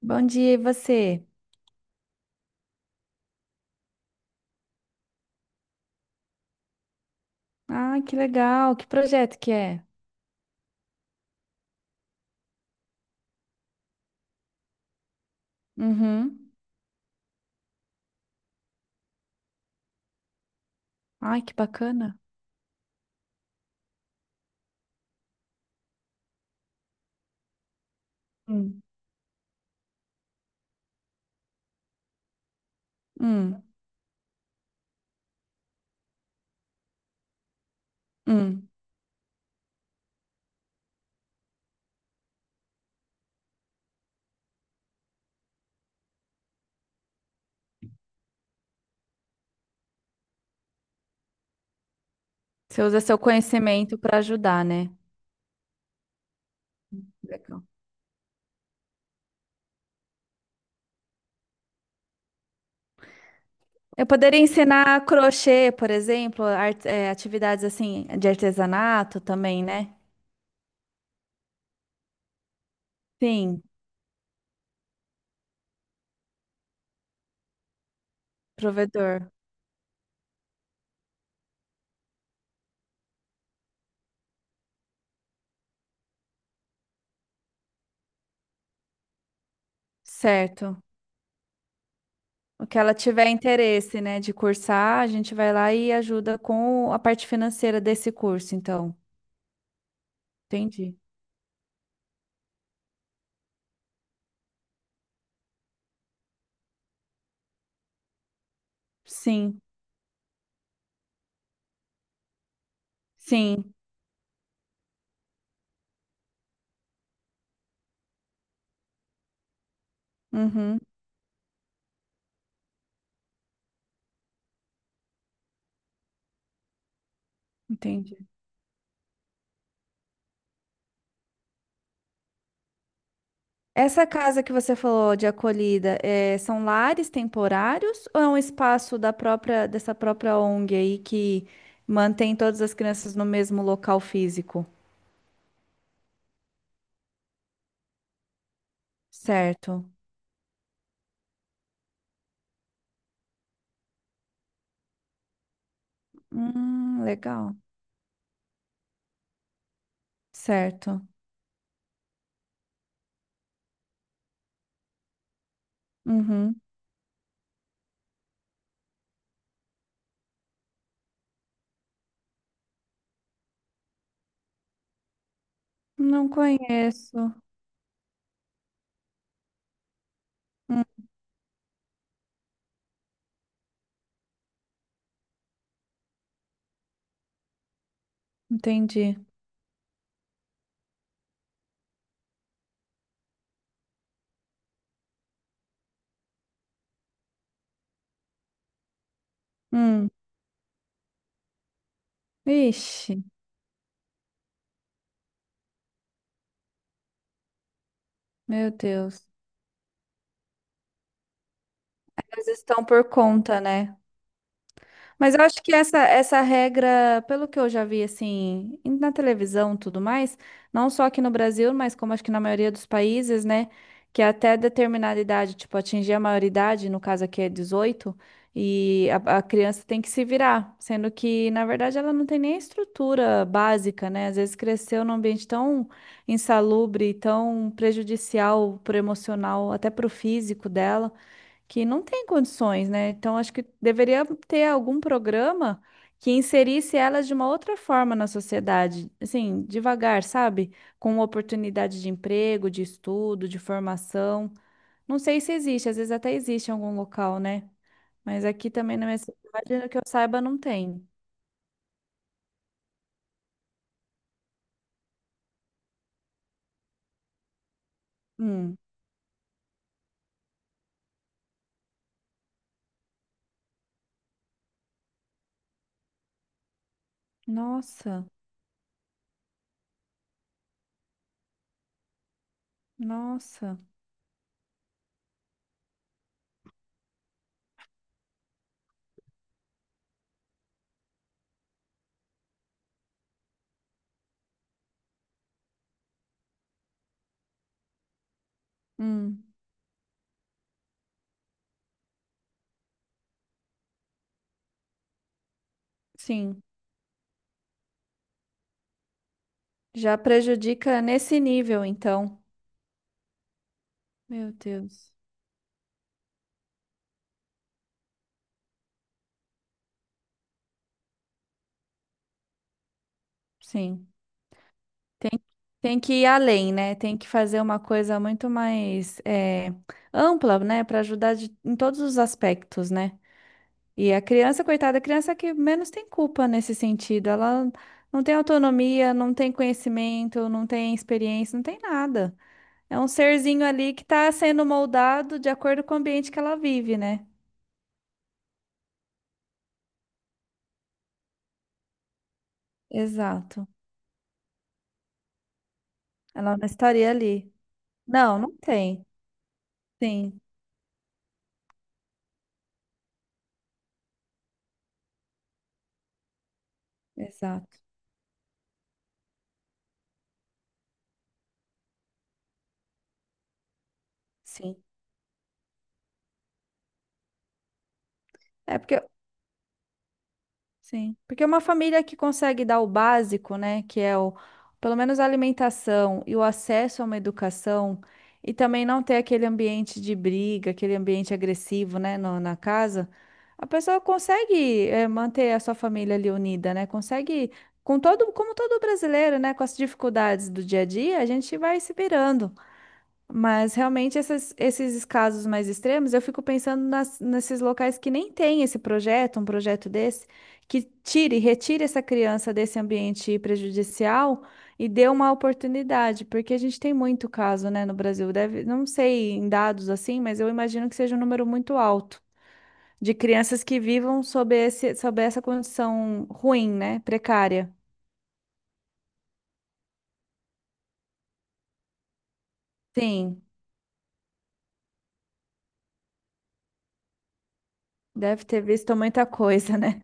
Bom dia, e você? Ah, que legal. Que projeto que é? Uhum. Ai, que bacana. Hum. Hum. Hum. Você usa seu conhecimento para ajudar, né? Legal. Eu poderia ensinar crochê, por exemplo, atividades assim de artesanato também, né? Sim, provedor. Certo. O que ela tiver interesse, né, de cursar, a gente vai lá e ajuda com a parte financeira desse curso, então. Entendi. Sim, sim. Uhum. Entendi. Essa casa que você falou de acolhida, são lares temporários ou é um espaço da própria dessa própria ONG aí que mantém todas as crianças no mesmo local físico? Certo. Legal. Certo. Uhum. Não conheço. Hum, entendi. Hum. Ixi, meu Deus. Eles estão por conta, né? Mas eu acho que essa regra, pelo que eu já vi assim, na televisão e tudo mais, não só aqui no Brasil, mas como acho que na maioria dos países, né? Que até determinada idade, tipo, atingir a maioridade, no caso aqui é 18, e a criança tem que se virar, sendo que, na verdade, ela não tem nem estrutura básica, né? Às vezes cresceu num ambiente tão insalubre, tão prejudicial pro emocional, até pro físico dela que não tem condições, né? Então, acho que deveria ter algum programa que inserisse elas de uma outra forma na sociedade, assim, devagar, sabe? Com oportunidade de emprego, de estudo, de formação. Não sei se existe, às vezes até existe em algum local, né? Mas aqui também na minha cidade, que eu saiba, não tem. Hum. Nossa, nossa. Hum. Sim, já prejudica nesse nível, então. Meu Deus. Sim. Tem que ir além, né? Tem que fazer uma coisa muito mais ampla, né? Para ajudar em todos os aspectos, né? E a criança, coitada, a criança é que menos tem culpa nesse sentido. Ela não tem autonomia, não tem conhecimento, não tem experiência, não tem nada. É um serzinho ali que está sendo moldado de acordo com o ambiente que ela vive, né? Exato. Ela não estaria ali. Não, não tem. Sim, exato. Sim. É porque sim, porque uma família que consegue dar o básico, né, que é o, pelo menos a alimentação e o acesso a uma educação, e também não ter aquele ambiente de briga, aquele ambiente agressivo, né, na casa, a pessoa consegue, manter a sua família ali unida, né, consegue, com todo, como todo brasileiro, né, com as dificuldades do dia a dia, a gente vai se virando. Mas realmente esses casos mais extremos, eu fico pensando nesses locais que nem tem esse projeto, um projeto desse, que tire, retire essa criança desse ambiente prejudicial e dê uma oportunidade, porque a gente tem muito caso, né, no Brasil. Deve, não sei em dados assim, mas eu imagino que seja um número muito alto de crianças que vivam sob esse, sob essa condição ruim, né, precária. Sim, deve ter visto muita coisa, né?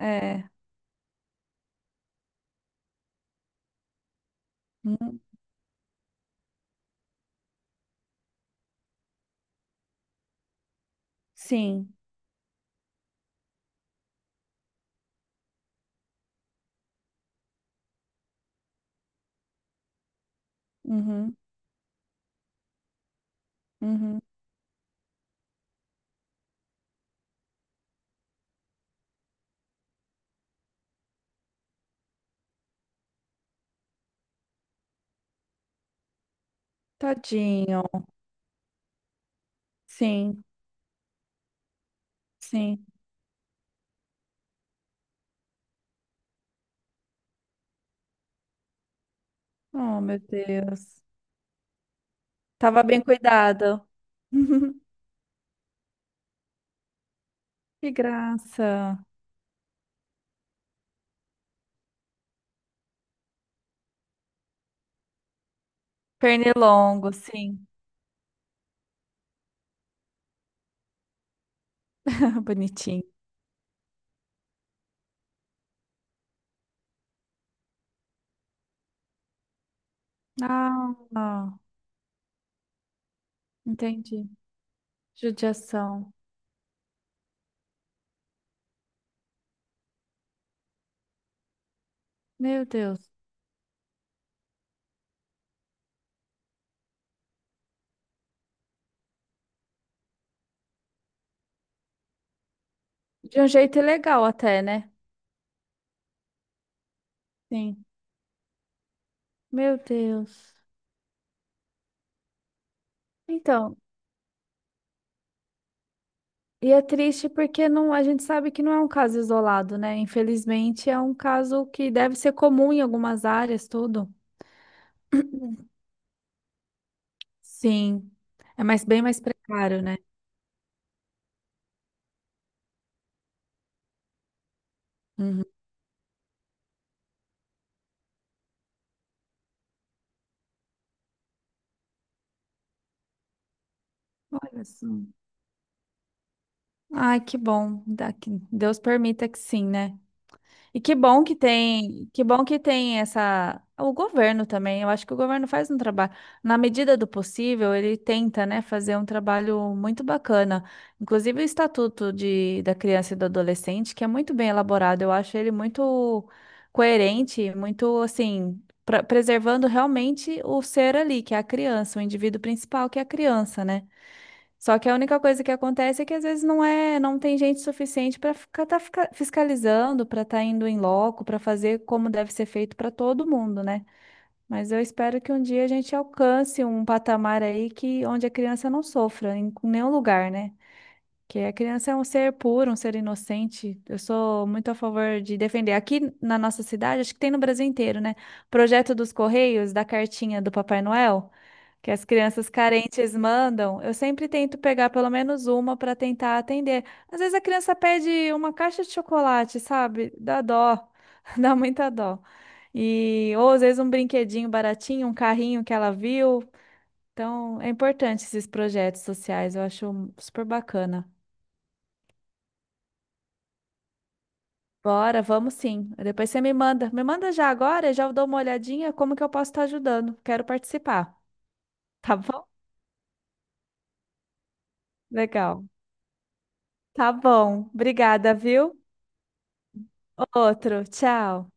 É, hum, sim. Uhum. Uhum. Tadinho. Sim, sim. Oh, meu Deus. Tava bem cuidado. Que graça. Pernilongo, sim. Bonitinho. Ah, ah, entendi. Judiação. Meu Deus. De um jeito legal até, né? Sim. Meu Deus. Então, e é triste porque não, a gente sabe que não é um caso isolado, né? Infelizmente, é um caso que deve ser comum em algumas áreas, tudo. Sim. É mais bem mais precário, né? Uhum. Olha só. Ai, que bom. Deus permita que sim, né? E que bom que tem, que bom que tem essa, o governo também. Eu acho que o governo faz um trabalho, na medida do possível, ele tenta, né, fazer um trabalho muito bacana. Inclusive o Estatuto de, da Criança e do Adolescente, que é muito bem elaborado. Eu acho ele muito coerente, muito assim, preservando realmente o ser ali, que é a criança, o indivíduo principal, que é a criança, né? Só que a única coisa que acontece é que às vezes não é, não tem gente suficiente para ficar fiscalizando, para estar indo em loco, para fazer como deve ser feito para todo mundo, né? Mas eu espero que um dia a gente alcance um patamar aí que onde a criança não sofra em nenhum lugar, né? Que a criança é um ser puro, um ser inocente. Eu sou muito a favor de defender. Aqui na nossa cidade, acho que tem no Brasil inteiro, né? Projeto dos Correios, da cartinha do Papai Noel, que as crianças carentes mandam. Eu sempre tento pegar pelo menos uma para tentar atender. Às vezes a criança pede uma caixa de chocolate, sabe? Dá dó, dá muita dó. E, ou às vezes um brinquedinho baratinho, um carrinho que ela viu. Então, é importante esses projetos sociais, eu acho super bacana. Bora, vamos sim. Depois você me manda. Me manda já agora, já eu dou uma olhadinha como que eu posso estar ajudando. Quero participar, tá bom? Legal. Tá bom. Obrigada, viu? Outro. Tchau.